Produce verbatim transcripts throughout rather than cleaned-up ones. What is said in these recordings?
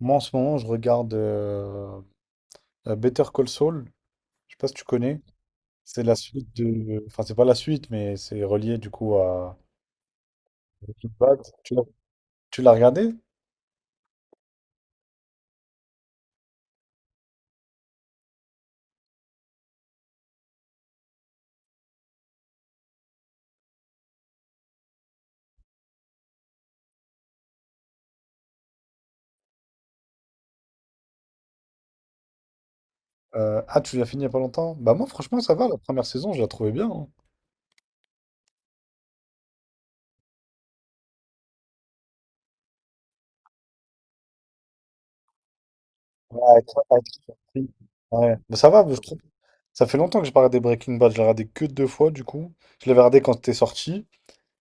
Moi, en ce moment, je regarde euh, euh, Better Call Saul. Je sais pas si tu connais. C'est la suite de... Enfin, c'est pas la suite, mais c'est relié du coup à Breaking Bad. Tu l'as tu l'as regardé? Euh, ah, tu l'as fini il y a pas longtemps? Bah moi, franchement, ça va. La première saison, je la trouvais bien, hein. Ouais, avec- avec- avec- ouais. Mais ça va, je trouve. Ça fait longtemps que j'ai pas regardé Breaking Bad. Je l'ai regardé que deux fois, du coup. Je l'avais regardé quand c'était sorti.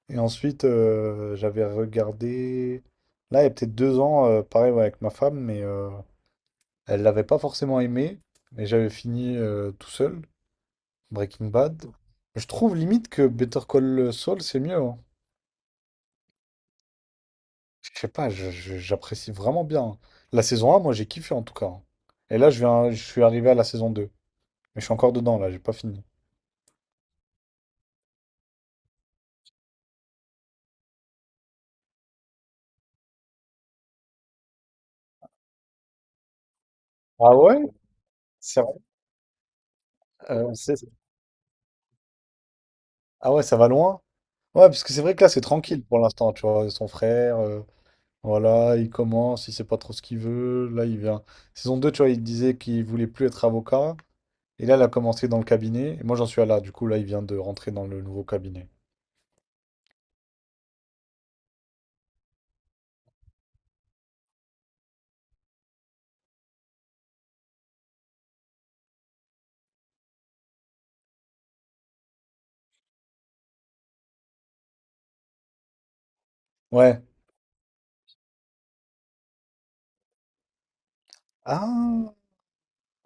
Et ensuite, euh, j'avais regardé... Là, il y a peut-être deux ans, euh, pareil, ouais, avec ma femme, mais, euh, elle l'avait pas forcément aimé, mais j'avais fini, euh, tout seul, Breaking Bad. Je trouve limite que Better Call Saul, c'est mieux, hein. Je sais pas, je- je- j'apprécie vraiment bien, hein. La saison un, moi j'ai kiffé en tout cas, hein. Et là, je viens, je suis arrivé à la saison deux. Mais je suis encore dedans, là, j'ai pas fini. Ah ouais? C'est vrai. Euh, c'est- Ah ouais, ça va loin? Ouais, parce que c'est vrai que là, c'est tranquille pour l'instant, tu vois. Son frère, euh, voilà, il commence, il sait pas trop ce qu'il veut. Là, il vient. Saison deux, tu vois, il disait qu'il voulait plus être avocat. Et là, elle a commencé dans le cabinet. Et moi, j'en suis à là. Du coup, là, il vient de rentrer dans le nouveau cabinet. Ouais. Ah,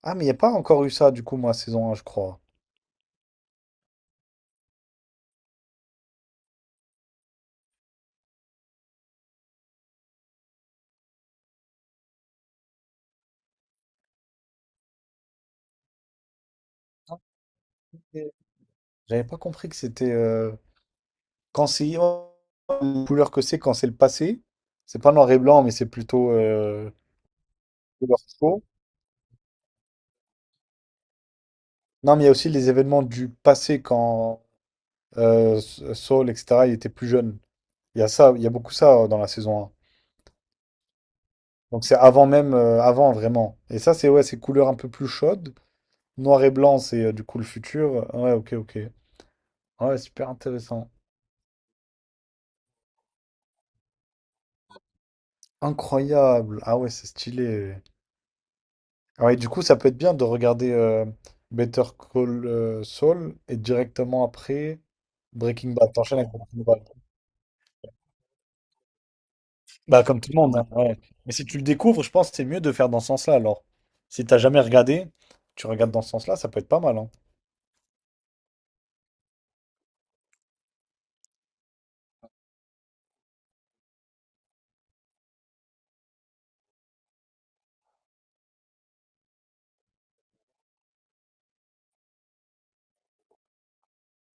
ah mais il n'y a pas encore eu ça, du coup, moi, saison un, je crois. Ah, ok. J'avais pas compris que c'était, euh, quand c'est, oh, la couleur que c'est quand c'est le passé. C'est pas noir et blanc, mais c'est plutôt, euh, couleur faux. Non, mais il y a aussi les événements du passé quand, euh, S- Saul, et cetera, il était plus jeune. Il y a ça, il y a beaucoup ça, euh, dans la saison un. Donc c'est avant même, euh, avant vraiment. Et ça, c'est ouais, c'est couleur un peu plus chaude. Noir et blanc, c'est, euh, du coup le futur. Ouais, ok, ok. Ouais, super intéressant. Incroyable. Ah ouais, c'est stylé. Ah ouais, du coup, ça peut être bien de regarder, euh, Better Call, euh, Saul et directement après Breaking Bad. T'enchaînes avec Breaking Bad. Bah, comme tout le monde, hein, ouais. Mais si tu le découvres, je pense que c'est mieux de faire dans ce sens-là alors. Si t'as jamais regardé, tu regardes dans ce sens-là, ça peut être pas mal, hein.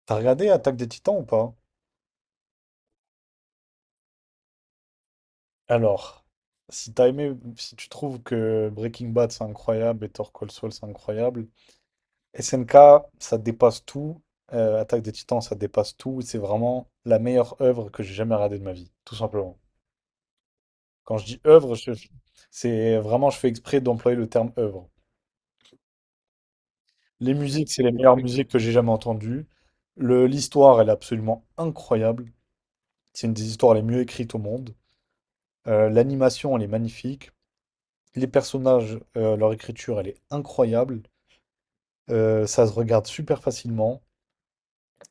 T'as regardé Attaque des Titans ou pas? Alors, si t'as aimé, si tu trouves que Breaking Bad c'est incroyable, Better Call Saul c'est incroyable, S N K, ça dépasse tout. Euh, Attaque des Titans, ça dépasse tout. C'est vraiment la meilleure œuvre que j'ai jamais regardée de ma vie, tout simplement. Quand je dis œuvre, je- je- c'est vraiment, je fais exprès d'employer le terme œuvre. Les musiques, c'est les meilleures musiques que j'ai jamais entendues. Le, l'histoire, elle est absolument incroyable. C'est une des histoires les mieux écrites au monde. Euh, l'animation, elle est magnifique. Les personnages, euh, leur écriture, elle est incroyable. Euh, ça se regarde super facilement.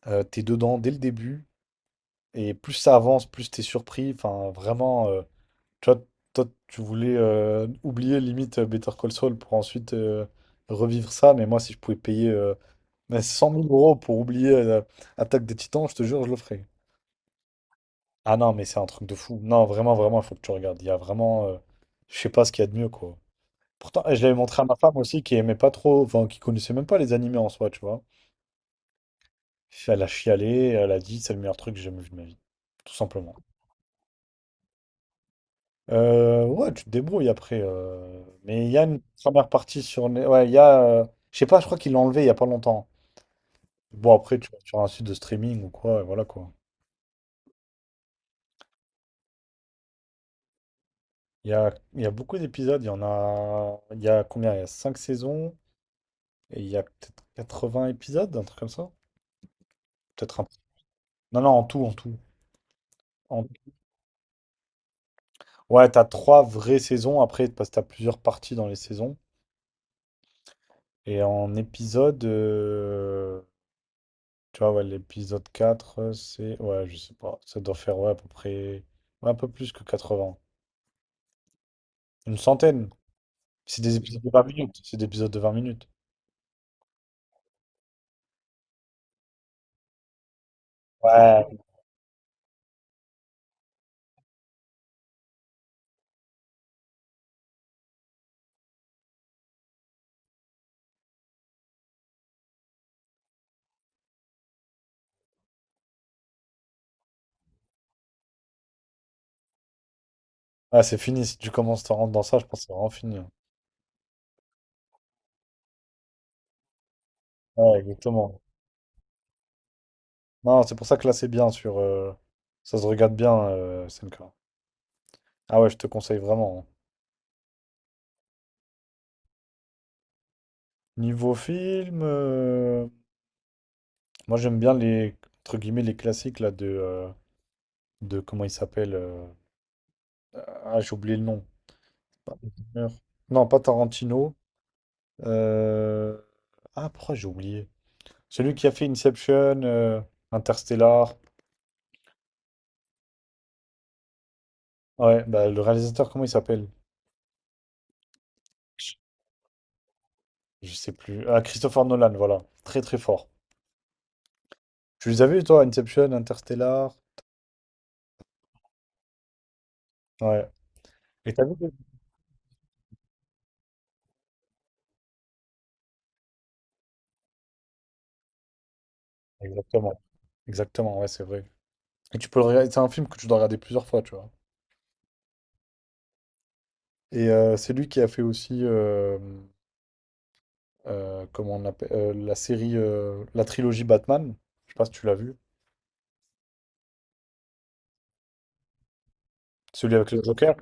Euh, t'es dedans dès le début. Et plus ça avance, plus t'es surpris. Enfin, vraiment, euh, tu vois, toi, tu voulais, euh, oublier limite, euh, Better Call Saul pour ensuite, euh, revivre ça. Mais moi, si je pouvais payer, euh, mais cent mille euros pour oublier, euh, Attaque des Titans, je te jure, je le ferais. Ah non, mais c'est un truc de fou. Non, vraiment, vraiment, il faut que tu regardes. Il y a vraiment, euh, je sais pas ce qu'il y a de mieux, quoi. Pourtant, et je l'avais montré à ma femme aussi, qui aimait pas trop, enfin, qui connaissait même pas les animés en soi, tu vois. Elle a chialé, elle a dit, c'est le meilleur truc que j'ai jamais vu de ma vie, tout simplement. Euh, ouais, tu te débrouilles après. euh, Mais il y a une première partie sur... Né- Ouais, il y a... euh, Je sais pas, je crois qu'ils l'ont enlevé il y a pas longtemps. Bon, après, tu vas sur un site de streaming ou quoi, et voilà quoi. Il y a, il y a beaucoup d'épisodes, il y en a... Il y a combien? Il y a cinq saisons, et il y a peut-être quatre-vingts épisodes, un truc comme ça? Peut-être un... Non, non, en tout, en tout. En- Ouais, t'as trois vraies saisons, après, parce que t'as plusieurs parties dans les saisons. Et en épisode... euh, Tu vois, ouais, l'épisode quatre c'est. Ouais, je sais pas. Ça doit faire, ouais, à peu près. Ouais, un peu plus que quatre-vingts. Une centaine. C'est des épisodes de vingt minutes. C'est des épisodes de vingt minutes. Ouais. Ah, c'est fini. Si tu commences à rentrer dans ça, je pense que c'est vraiment fini, hein. Ouais, exactement. Non, c'est pour ça que là, c'est bien sur, euh, ça se regarde bien, euh, S N K. Ah ouais, je te conseille vraiment, hein. Niveau film, euh, moi, j'aime bien les. Entre guillemets, les classiques, là, de, euh, de. Comment il s'appelle, euh, ah, j'ai oublié le nom. Non, pas Tarantino. Euh, Ah, pourquoi j'ai oublié? Celui qui a fait Inception, euh, Interstellar. Ouais, bah, le réalisateur, comment il s'appelle? Je je sais plus. Ah, Christopher Nolan, voilà. Très très fort. Tu les as vus, toi, Inception, Interstellar? Ouais. Et t'as vu? Exactement. Exactement, ouais, c'est vrai. Et tu peux le regarder. C'est un film que tu dois regarder plusieurs fois, tu vois. Et euh, c'est lui qui a fait aussi, euh, euh, comment on appelle, euh, la série, euh, la trilogie Batman. Je sais pas si tu l'as vu. Celui avec le Joker.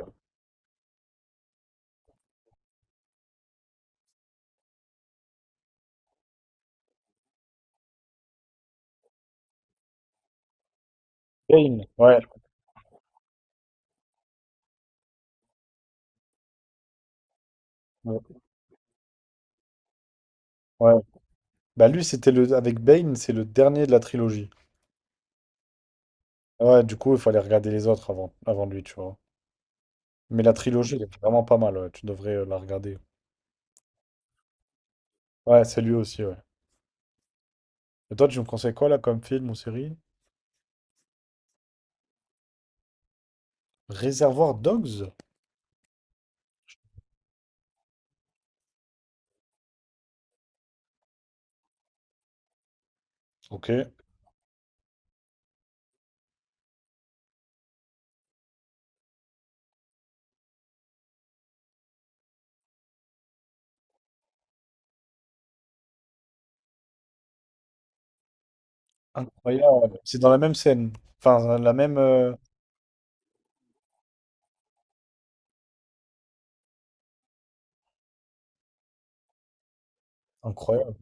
Bane. Ouais. Ouais. Bah lui, c'était le avec Bane, c'est le dernier de la trilogie. Ouais, du coup, il fallait regarder les autres avant, avant, lui, tu vois. Mais la trilogie, elle est vraiment pas mal, ouais. Tu devrais, euh, la regarder. Ouais, c'est lui aussi, ouais. Et toi, tu me conseilles quoi, là, comme film ou série? Réservoir Dogs? Ok. Incroyable. C'est dans la même scène. Enfin, la même... euh, incroyable.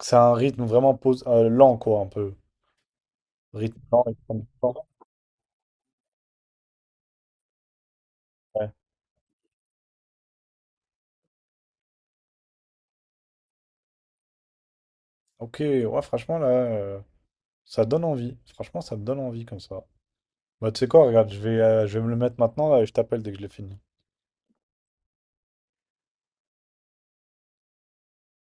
C'est un rythme vraiment pose... euh, lent, quoi, un peu. Rythme lent, rythme fort. Ouais. Ok, ouais, franchement, là, euh, ça donne envie. Franchement, ça me donne envie, comme ça. Bah, tu sais quoi, regarde, je vais, euh, je vais me le mettre maintenant là, et je t'appelle dès que je l'ai fini.